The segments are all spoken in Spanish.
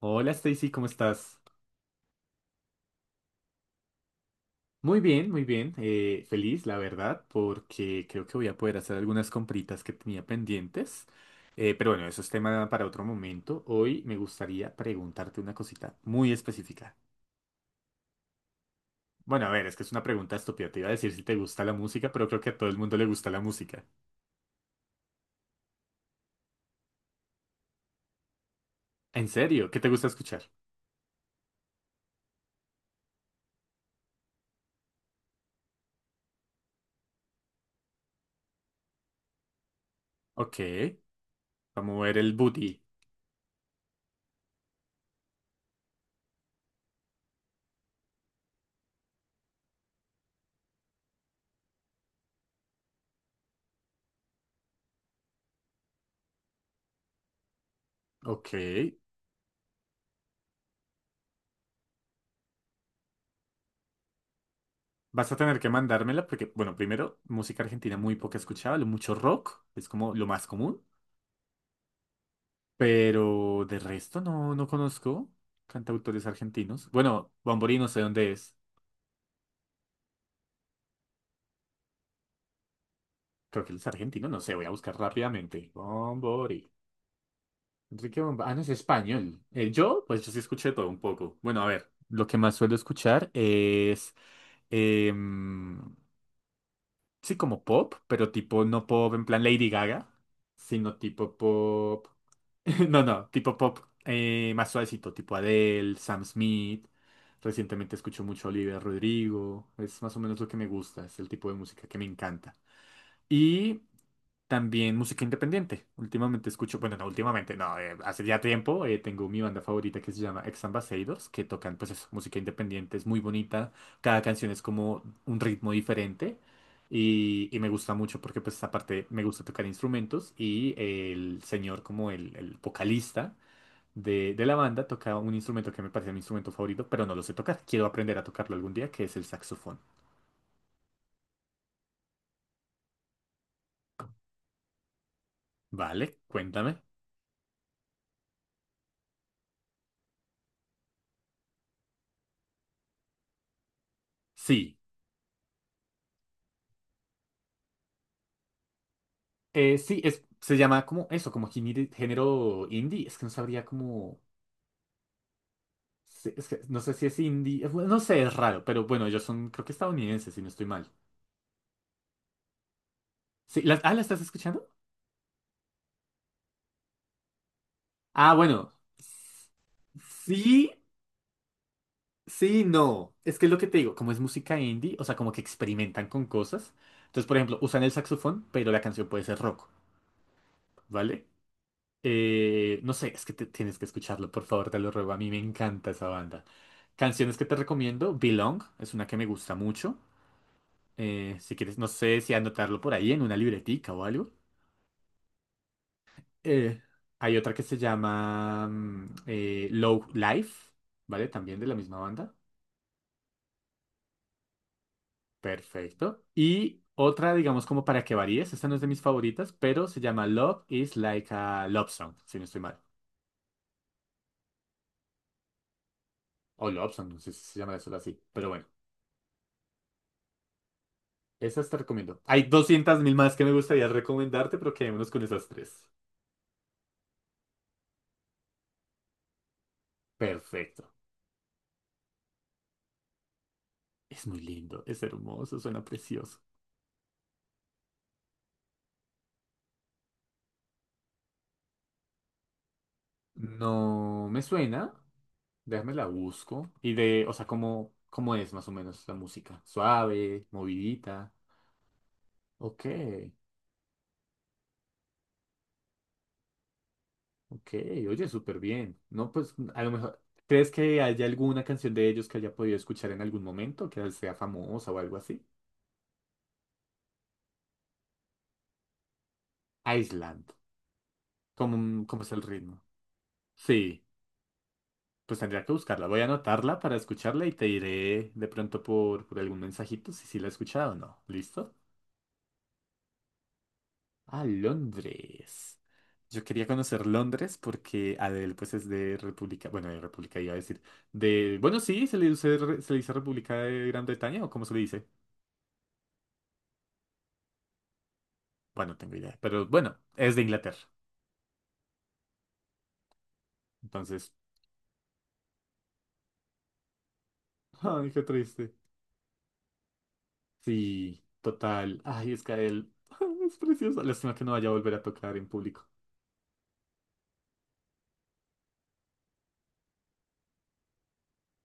Hola Stacy, ¿cómo estás? Muy bien, muy bien. Feliz, la verdad, porque creo que voy a poder hacer algunas compritas que tenía pendientes. Pero bueno, eso es tema para otro momento. Hoy me gustaría preguntarte una cosita muy específica. Bueno, a ver, es que es una pregunta estúpida. Te iba a decir si te gusta la música, pero creo que a todo el mundo le gusta la música. ¿En serio? ¿Qué te gusta escuchar? Ok, vamos a mover el booty. Ok. Vas a tener que mandármela porque, bueno, primero, música argentina muy poca escuchaba, lo mucho rock, es como lo más común. Pero de resto no, no conozco cantautores argentinos. Bueno, Bombori no sé dónde es. Creo que él es argentino, no sé, voy a buscar rápidamente. Bombori. Enrique Bombori. Ah, no, es español. Yo, pues yo sí escuché todo un poco. Bueno, a ver, lo que más suelo escuchar es… em, Sí, como pop, pero tipo no pop en plan Lady Gaga, sino tipo pop. No, no, tipo pop, más suavecito, tipo Adele, Sam Smith. Recientemente escucho mucho a Olivia Rodrigo. Es más o menos lo que me gusta, es el tipo de música que me encanta. Y también música independiente. Últimamente escucho, bueno, no últimamente, no, hace ya tiempo, tengo mi banda favorita que se llama Ex Ambassadors, que tocan pues eso, música independiente, es muy bonita, cada canción es como un ritmo diferente y me gusta mucho porque pues aparte me gusta tocar instrumentos y el señor como el vocalista de la banda toca un instrumento que me parece mi instrumento favorito, pero no lo sé tocar, quiero aprender a tocarlo algún día, que es el saxofón. Vale, cuéntame. Sí. Sí, se llama como eso, como género indie. Es que no sabría cómo. Es que no sé si es indie. Bueno, no sé, es raro, pero bueno, ellos son, creo que estadounidenses, si no estoy mal. Sí, ¿la estás escuchando? Ah, bueno. Sí, sí, no. Es que es lo que te digo, como es música indie, o sea, como que experimentan con cosas. Entonces, por ejemplo, usan el saxofón, pero la canción puede ser rock, ¿vale? No sé, es que tienes que escucharlo, por favor, te lo ruego. A mí me encanta esa banda. Canciones que te recomiendo, Belong, es una que me gusta mucho. Si quieres, no sé si anotarlo por ahí en una libretica o algo. Eh, Hay otra que se llama, Low Life, ¿vale? También de la misma banda. Perfecto. Y otra, digamos, como para que varíes, esta no es de mis favoritas, pero se llama Love is like a Love Song, si no estoy mal. O Love Song, no sé si se llama eso así, pero bueno. Esas te recomiendo. Hay 200.000 más que me gustaría recomendarte, pero quedémonos con esas tres. Perfecto. Es muy lindo, es hermoso, suena precioso. No me suena. Déjame la busco. Y de, o sea, ¿cómo, cómo es más o menos la música? Suave, movidita. Ok, ok. Oye, súper bien. No, pues a lo mejor. ¿Crees que haya alguna canción de ellos que haya podido escuchar en algún momento, que sea famosa o algo así? Island. ¿Cómo, cómo es el ritmo? Sí. Pues tendría que buscarla. Voy a anotarla para escucharla y te diré de pronto por, algún mensajito si sí la he escuchado o no. ¿Listo? Ah, Londres. Yo quería conocer Londres porque Adele pues es de República, bueno, de República iba a decir, de, bueno, sí, se le dice, se le dice República de Gran Bretaña o cómo se le dice. Bueno, no tengo idea, pero bueno, es de Inglaterra. Entonces, ay, qué triste. Sí, total. Ay, es que Adele es preciosa. Lástima que no vaya a volver a tocar en público.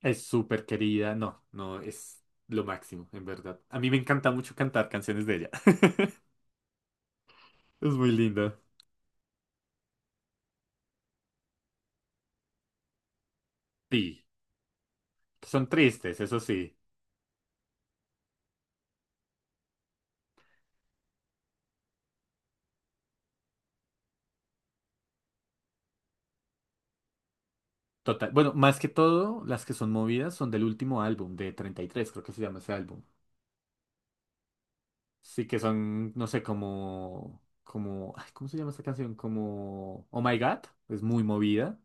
Es súper querida, no, no, es lo máximo, en verdad. A mí me encanta mucho cantar canciones de ella. Es muy linda. Sí, son tristes, eso sí. Total. Bueno, más que todo, las que son movidas son del último álbum, de 33 creo que se llama ese álbum. Sí, que son, no sé, como, ay, ¿cómo se llama esta canción? Como Oh My God, es muy movida.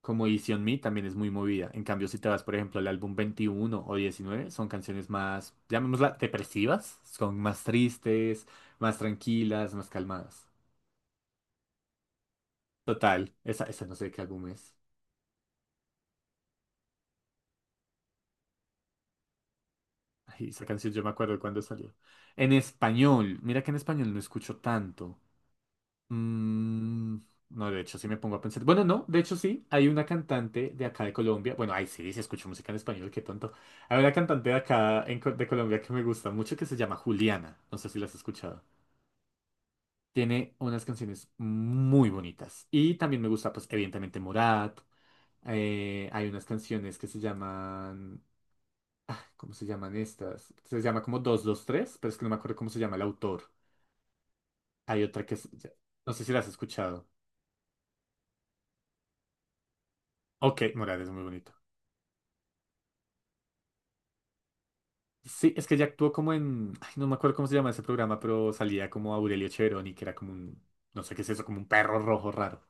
Como Easy on Me también es muy movida. En cambio, si te vas, por ejemplo, al álbum 21 o 19 son canciones más, llamémosla, depresivas. Son más tristes, más tranquilas, más calmadas. Total, esa no sé de qué álbum es. Ay, esa canción yo me acuerdo de cuándo salió. En español, mira que en español no escucho tanto. Mm, no, de hecho, sí me pongo a pensar. Bueno, no, de hecho, sí. Hay una cantante de acá de Colombia. Bueno, ay, sí, sí escucho música en español, qué tonto. Hay una cantante de acá en de Colombia que me gusta mucho que se llama Juliana. No sé si la has escuchado. Tiene unas canciones muy bonitas. Y también me gusta, pues, evidentemente, Morat. Hay unas canciones que se llaman. ¿Cómo se llaman estas? Se llama como 223, pero es que no me acuerdo cómo se llama el autor. Hay otra que. No sé si la has escuchado. Ok, Morat es muy bonito. Sí, es que ella actuó como en, ay, no me acuerdo cómo se llama ese programa, pero salía como Aurelio Cheveroni, que era como un, no sé qué es eso, como un perro rojo raro.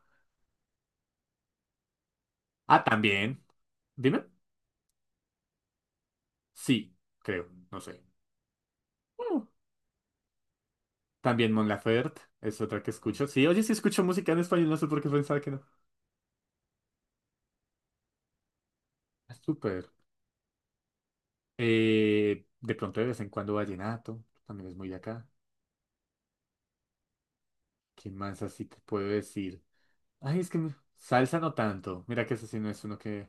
Ah, también. Dime. Sí, creo, no sé. Mm. También Mon Laferte es otra que escucho. Sí, oye, sí escucho música en español, no sé por qué pensaba que no. Ah, súper. De pronto de vez en cuando vallenato, también es muy de acá. ¿Qué más así te puedo decir? Ay, es que salsa no tanto. Mira que ese sí no es uno que…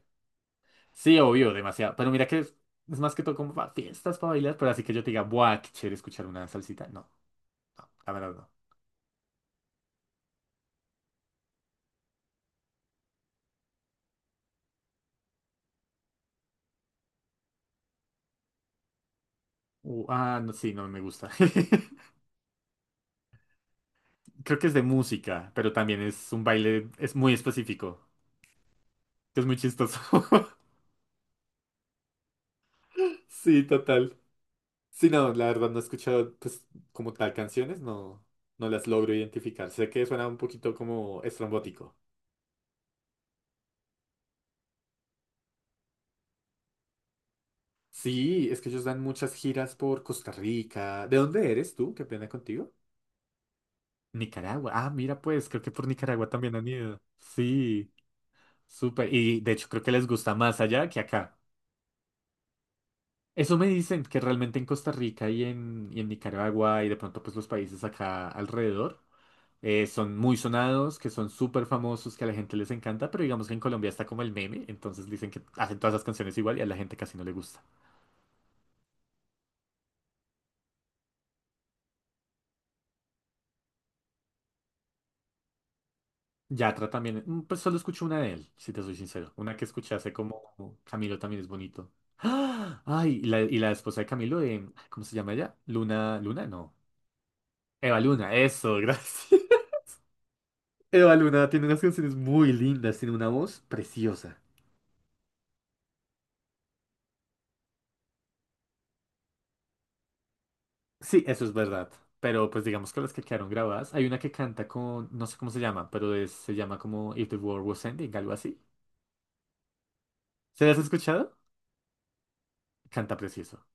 Sí, obvio, demasiado. Pero mira que es más que todo como para fiestas, para bailar, pero así que yo te diga, buah, qué chévere escuchar una salsita. No, la verdad no. Ah, no, sí, no me gusta. Creo que es de música, pero también es un baile, es muy específico, que es muy chistoso. Sí, total. Sí, no, la verdad no he escuchado, pues, como tal canciones, no, no las logro identificar. Sé que suena un poquito como estrambótico. Sí, es que ellos dan muchas giras por Costa Rica. ¿De dónde eres tú? Qué pena contigo. Nicaragua. Ah, mira, pues, creo que por Nicaragua también han ido. Sí, súper. Y de hecho creo que les gusta más allá que acá. Eso me dicen que realmente en Costa Rica y y en Nicaragua y de pronto pues los países acá alrededor, son muy sonados, que son súper famosos, que a la gente les encanta, pero digamos que en Colombia está como el meme, entonces dicen que hacen todas las canciones igual y a la gente casi no le gusta. Yatra también. Pues solo escucho una de él, si te soy sincero. Una que escuché hace como Camilo también es bonito. ¡Ah! Ay, y la esposa de Camilo, ¿cómo se llama ella? Luna, Luna, no. Eva Luna, eso, gracias. Eva Luna tiene unas canciones muy lindas, tiene una voz preciosa. Sí, eso es verdad. Pero pues digamos que las que quedaron grabadas, hay una que canta con, no sé cómo se llama, pero se llama como If the World Was Ending, algo así. ¿Se las has escuchado? Canta precioso.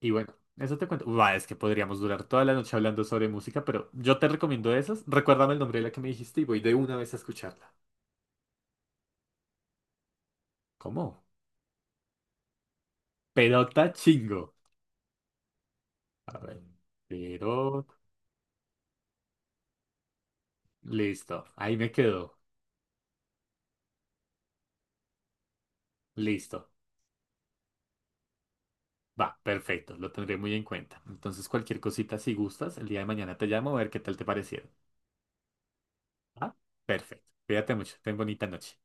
Y bueno, eso te cuento. Buah, es que podríamos durar toda la noche hablando sobre música, pero yo te recomiendo esas. Recuérdame el nombre de la que me dijiste y voy de una vez a escucharla. ¿Cómo? Pelota chingo. A ver, pero… Listo, ahí me quedó. Listo. Va, perfecto, lo tendré muy en cuenta. Entonces, cualquier cosita, si gustas, el día de mañana te llamo a ver qué tal te parecieron. ¿Va? Perfecto. Cuídate mucho. Ten bonita noche.